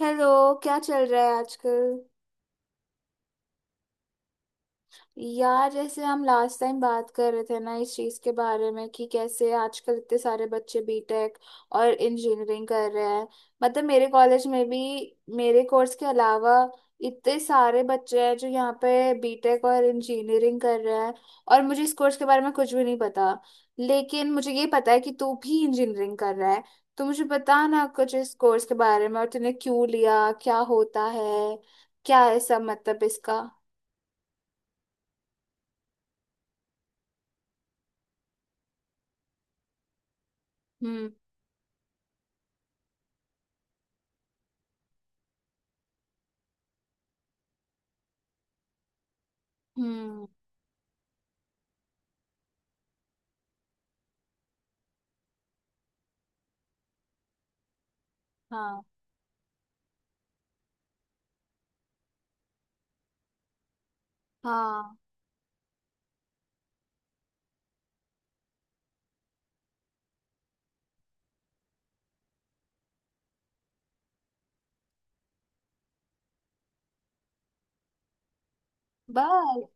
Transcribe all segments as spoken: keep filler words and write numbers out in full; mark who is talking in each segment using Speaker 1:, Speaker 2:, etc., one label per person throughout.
Speaker 1: Hello. क्या चल रहा है आजकल? यार, जैसे हम लास्ट टाइम बात कर रहे थे ना इस चीज के बारे में कि कैसे आजकल इतने सारे बच्चे बीटेक और इंजीनियरिंग कर रहे हैं। मतलब मेरे कॉलेज में भी मेरे कोर्स के अलावा इतने सारे बच्चे हैं जो यहाँ पे बीटेक और इंजीनियरिंग कर रहे हैं, और मुझे इस कोर्स के बारे में कुछ भी नहीं पता, लेकिन मुझे ये पता है कि तू भी इंजीनियरिंग कर रहा है। तो मुझे बता ना कुछ इस कोर्स के बारे में, और तूने क्यों लिया, क्या होता है, क्या है सब मतलब इसका। हम्म। हम्म। हाँ। हाँ। बाल।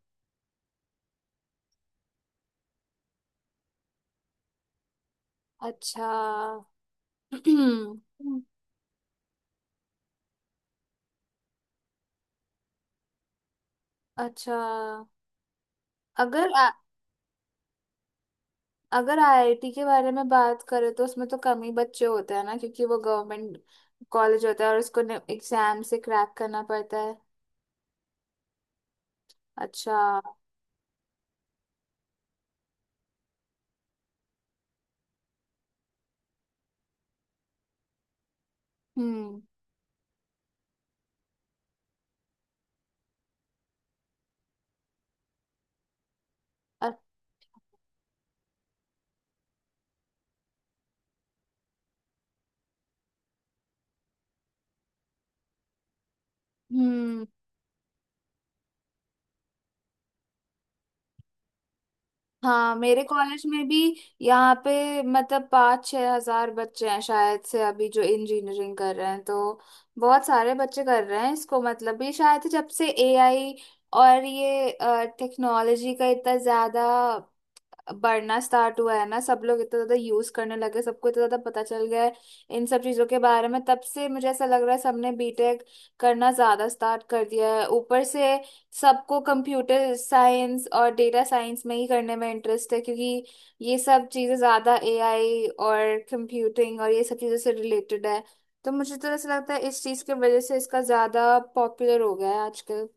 Speaker 1: अच्छा। अच्छा। अगर आ, अगर आईआईटी के बारे में बात करें तो उसमें तो कम ही बच्चे होते हैं ना, क्योंकि वो गवर्नमेंट कॉलेज होता है और उसको एग्जाम से क्रैक करना पड़ता है। अच्छा। हम्म। अ- हम्म। हाँ, मेरे कॉलेज में भी यहाँ पे मतलब पाँच छह हजार बच्चे हैं शायद से, अभी जो इंजीनियरिंग कर रहे हैं। तो बहुत सारे बच्चे कर रहे हैं इसको। मतलब ये शायद से जब से एआई और ये टेक्नोलॉजी का इतना ज्यादा बढ़ना स्टार्ट हुआ है ना, सब लोग इतना ज्यादा यूज करने लगे, सबको इतना ज्यादा पता चल गया है इन सब चीजों के बारे में, तब से मुझे ऐसा लग रहा है सबने बीटेक करना ज्यादा स्टार्ट कर दिया है। ऊपर से सबको कंप्यूटर साइंस और डेटा साइंस में ही करने में इंटरेस्ट है, क्योंकि ये सब चीजें ज्यादा एआई और कंप्यूटिंग और ये सब चीजों से रिलेटेड है। तो मुझे तो ऐसा लगता है इस चीज की वजह से इसका ज्यादा पॉपुलर हो गया है आजकल।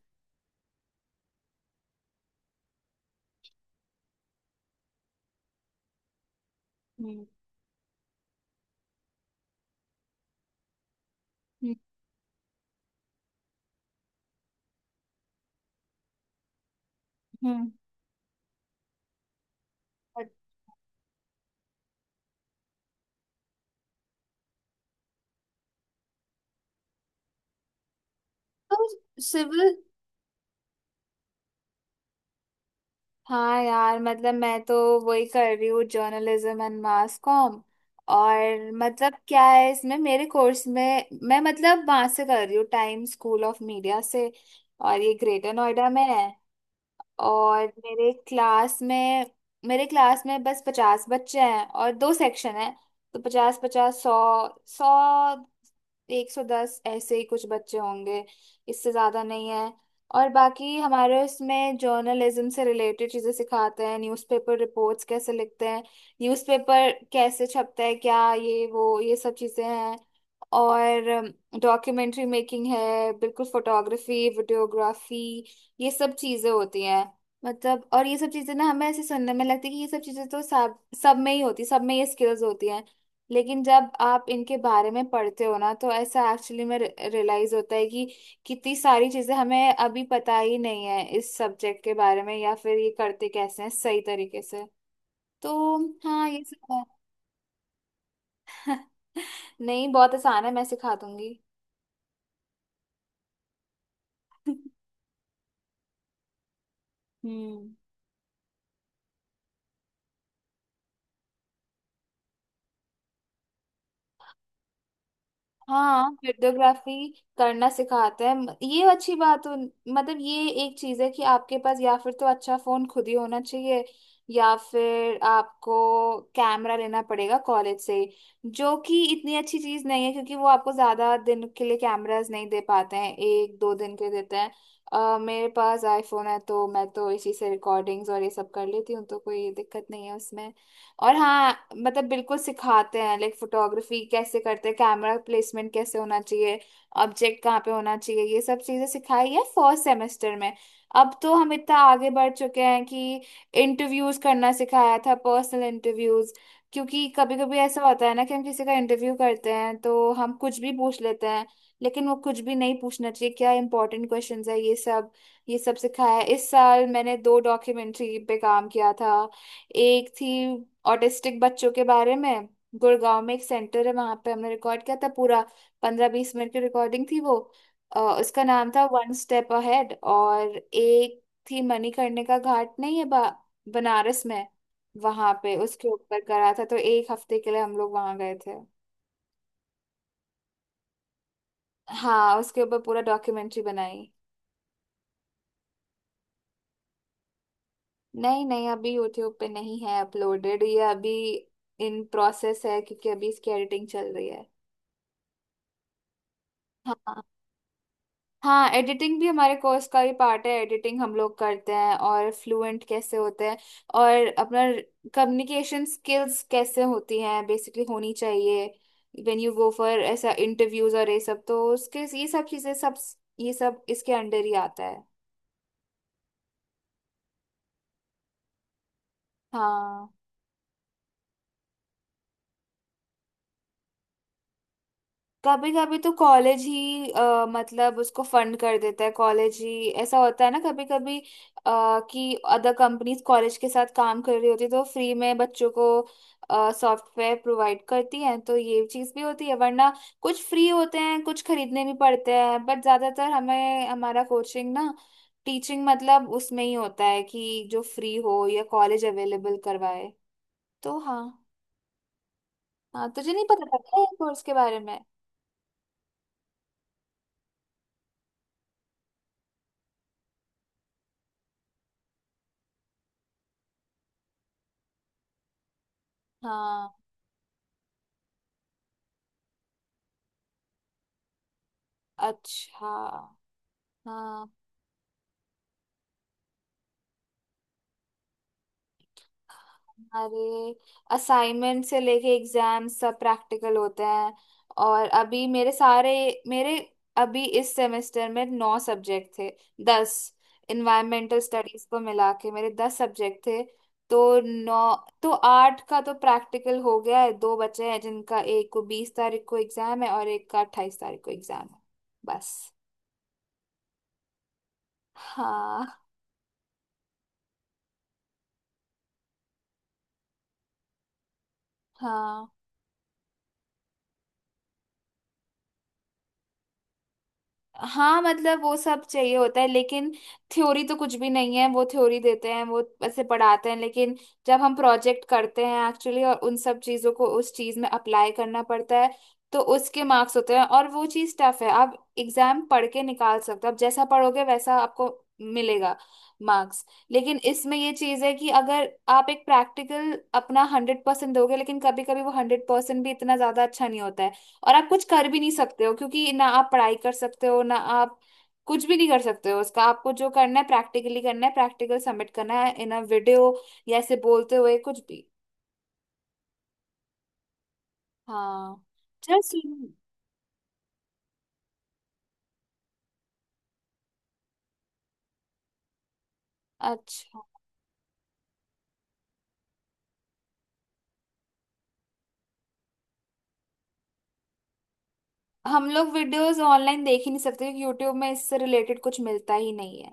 Speaker 1: हम्म। हम्म। हम्म। तो सिविल। हाँ यार, मतलब मैं तो वही कर रही हूँ, जर्नलिज्म एंड मास कॉम। और मतलब क्या है इसमें मेरे कोर्स में, मैं मतलब वहां से कर रही हूँ, टाइम स्कूल ऑफ मीडिया से। और ये ग्रेटर नोएडा में है। और मेरे क्लास में मेरे क्लास में बस पचास बच्चे हैं और दो सेक्शन है। तो पचास पचास सौ सौ एक सौ दस ऐसे ही कुछ बच्चे होंगे, इससे ज्यादा नहीं है। और बाकी हमारे उसमें जर्नलिज्म से रिलेटेड चीजें सिखाते हैं, न्यूज़पेपर रिपोर्ट्स कैसे लिखते हैं, न्यूज़पेपर कैसे छपता है, क्या ये वो ये सब चीजें हैं। और डॉक्यूमेंट्री मेकिंग है बिल्कुल, फोटोग्राफी, वीडियोग्राफी, ये सब चीजें होती हैं। मतलब और ये सब चीजें ना हमें ऐसे सुनने में लगती है कि ये सब चीजें तो सब सब में ही होती, सब में ये स्किल्स होती हैं। लेकिन जब आप इनके बारे में पढ़ते हो ना, तो ऐसा एक्चुअली में रियलाइज होता है कि कितनी सारी चीजें हमें अभी पता ही नहीं है इस सब्जेक्ट के बारे में, या फिर ये करते कैसे हैं सही तरीके से। तो हाँ, ये सब है। नहीं, बहुत आसान है, मैं सिखा दूंगी। हम्म। हाँ, हियरडोग्राफी करना सिखाते हैं। म- ये अच्छी बात हो, मतलब ये एक चीज है कि आपके पास या फिर तो अच्छा फोन खुद ही होना चाहिए, या फिर आपको कैमरा लेना पड़ेगा कॉलेज से ही, जो कि इतनी अच्छी चीज नहीं है, क्योंकि वो आपको ज्यादा दिन के लिए कैमरास नहीं दे पाते हैं, एक दो दिन के देते हैं। अ, मेरे पास आईफोन है तो मैं तो इसी से रिकॉर्डिंग्स और ये सब कर लेती हूँ, तो कोई दिक्कत नहीं है उसमें। और हाँ, मतलब बिल्कुल सिखाते हैं, लाइक फोटोग्राफी कैसे करते हैं, कैमरा प्लेसमेंट कैसे होना चाहिए, ऑब्जेक्ट कहाँ पे होना चाहिए, ये सब चीजें सिखाई है फर्स्ट सेमेस्टर में। अब तो हम इतना आगे बढ़ चुके हैं कि इंटरव्यूज करना सिखाया था, पर्सनल इंटरव्यूज, क्योंकि कभी कभी ऐसा होता है ना कि हम किसी का इंटरव्यू करते हैं तो हम कुछ भी पूछ लेते हैं, लेकिन वो कुछ भी नहीं पूछना चाहिए, क्या इंपॉर्टेंट क्वेश्चंस है ये सब, ये सब सिखाया है। इस साल मैंने दो डॉक्यूमेंट्री पे काम किया था। एक थी ऑटिस्टिक बच्चों के बारे में, गुड़गांव में एक सेंटर है, वहां पे हमने रिकॉर्ड किया था पूरा, पंद्रह बीस मिनट की रिकॉर्डिंग थी वो। अ, उसका नाम था वन स्टेप अहेड। और एक थी मणिकर्णिका का घाट, नहीं है बा- बनारस में, वहां पे उसके ऊपर करा था, तो एक हफ्ते के लिए हम लोग वहां गए थे। हाँ, उसके ऊपर पूरा डॉक्यूमेंट्री बनाई। नहीं नहीं, अभी यूट्यूब पे नहीं है अपलोडेड ये, अभी इन प्रोसेस है क्योंकि अभी इसकी एडिटिंग चल रही है। हाँ। हाँ, एडिटिंग भी हमारे कोर्स का ही पार्ट है, एडिटिंग हम लोग करते हैं, और फ्लुएंट कैसे होते हैं और अपना कम्युनिकेशन स्किल्स कैसे होती हैं बेसिकली होनी चाहिए, व्हेन यू गो फॉर ऐसा इंटरव्यूज और ये सब, तो उसके ये सब चीजें सब, ये सब इसके अंडर ही आता है। हाँ, कभी कभी तो कॉलेज ही अ, मतलब उसको फंड कर देता है, कॉलेज ही ऐसा होता है ना कभी कभी, अ, कि अदर कंपनीज कॉलेज के साथ काम कर रही होती है तो फ्री में बच्चों को सॉफ्टवेयर प्रोवाइड करती हैं, तो ये चीज भी होती है, वरना कुछ फ्री होते हैं, कुछ खरीदने भी पड़ते हैं, बट ज्यादातर हमें हमारा कोचिंग ना टीचिंग मतलब उसमें ही होता है कि जो फ्री हो या कॉलेज अवेलेबल करवाए। तो हाँ। हाँ, तुझे नहीं पता था क्या कोर्स के बारे में? हाँ। अच्छा। हाँ, हमारे असाइनमेंट से लेके एग्जाम सब प्रैक्टिकल होते हैं। और अभी मेरे सारे मेरे अभी इस सेमेस्टर में नौ सब्जेक्ट थे, दस, इन्वायरमेंटल स्टडीज को मिला के मेरे दस सब्जेक्ट थे। तो नौ तो आठ का तो प्रैक्टिकल हो गया है, दो बचे हैं जिनका एक को बीस तारीख को एग्जाम है और एक का अट्ठाईस तारीख को एग्जाम है। बस। हाँ। हाँ, हाँ मतलब वो सब चाहिए होता है, लेकिन थ्योरी तो कुछ भी नहीं है, वो थ्योरी देते हैं, वो ऐसे पढ़ाते हैं, लेकिन जब हम प्रोजेक्ट करते हैं एक्चुअली और उन सब चीजों को उस चीज में अप्लाई करना पड़ता है, तो उसके मार्क्स होते हैं और वो चीज टफ है। आप एग्जाम पढ़ के निकाल सकते हो, आप जैसा पढ़ोगे वैसा आपको मिलेगा मार्क्स, लेकिन इसमें ये चीज है कि अगर आप एक प्रैक्टिकल अपना हंड्रेड परसेंट दोगे, लेकिन कभी कभी वो हंड्रेड परसेंट भी इतना ज्यादा अच्छा नहीं होता है, और आप कुछ कर भी नहीं सकते हो, क्योंकि ना आप पढ़ाई कर सकते हो ना आप कुछ भी नहीं कर सकते हो उसका। आपको जो करना है प्रैक्टिकली करना है, प्रैक्टिकल सबमिट करना है इन अ वीडियो, या ऐसे बोलते हुए कुछ भी। हाँ, चल सुन। अच्छा। हम लोग वीडियोस ऑनलाइन देख ही नहीं सकते, क्योंकि यूट्यूब में इससे रिलेटेड कुछ मिलता ही नहीं है।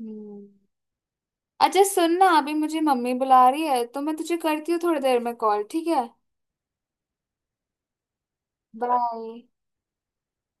Speaker 1: हम्म। अच्छा सुन ना, अभी मुझे मम्मी बुला रही है तो मैं तुझे करती हूँ थोड़ी देर में कॉल, ठीक है? बाय।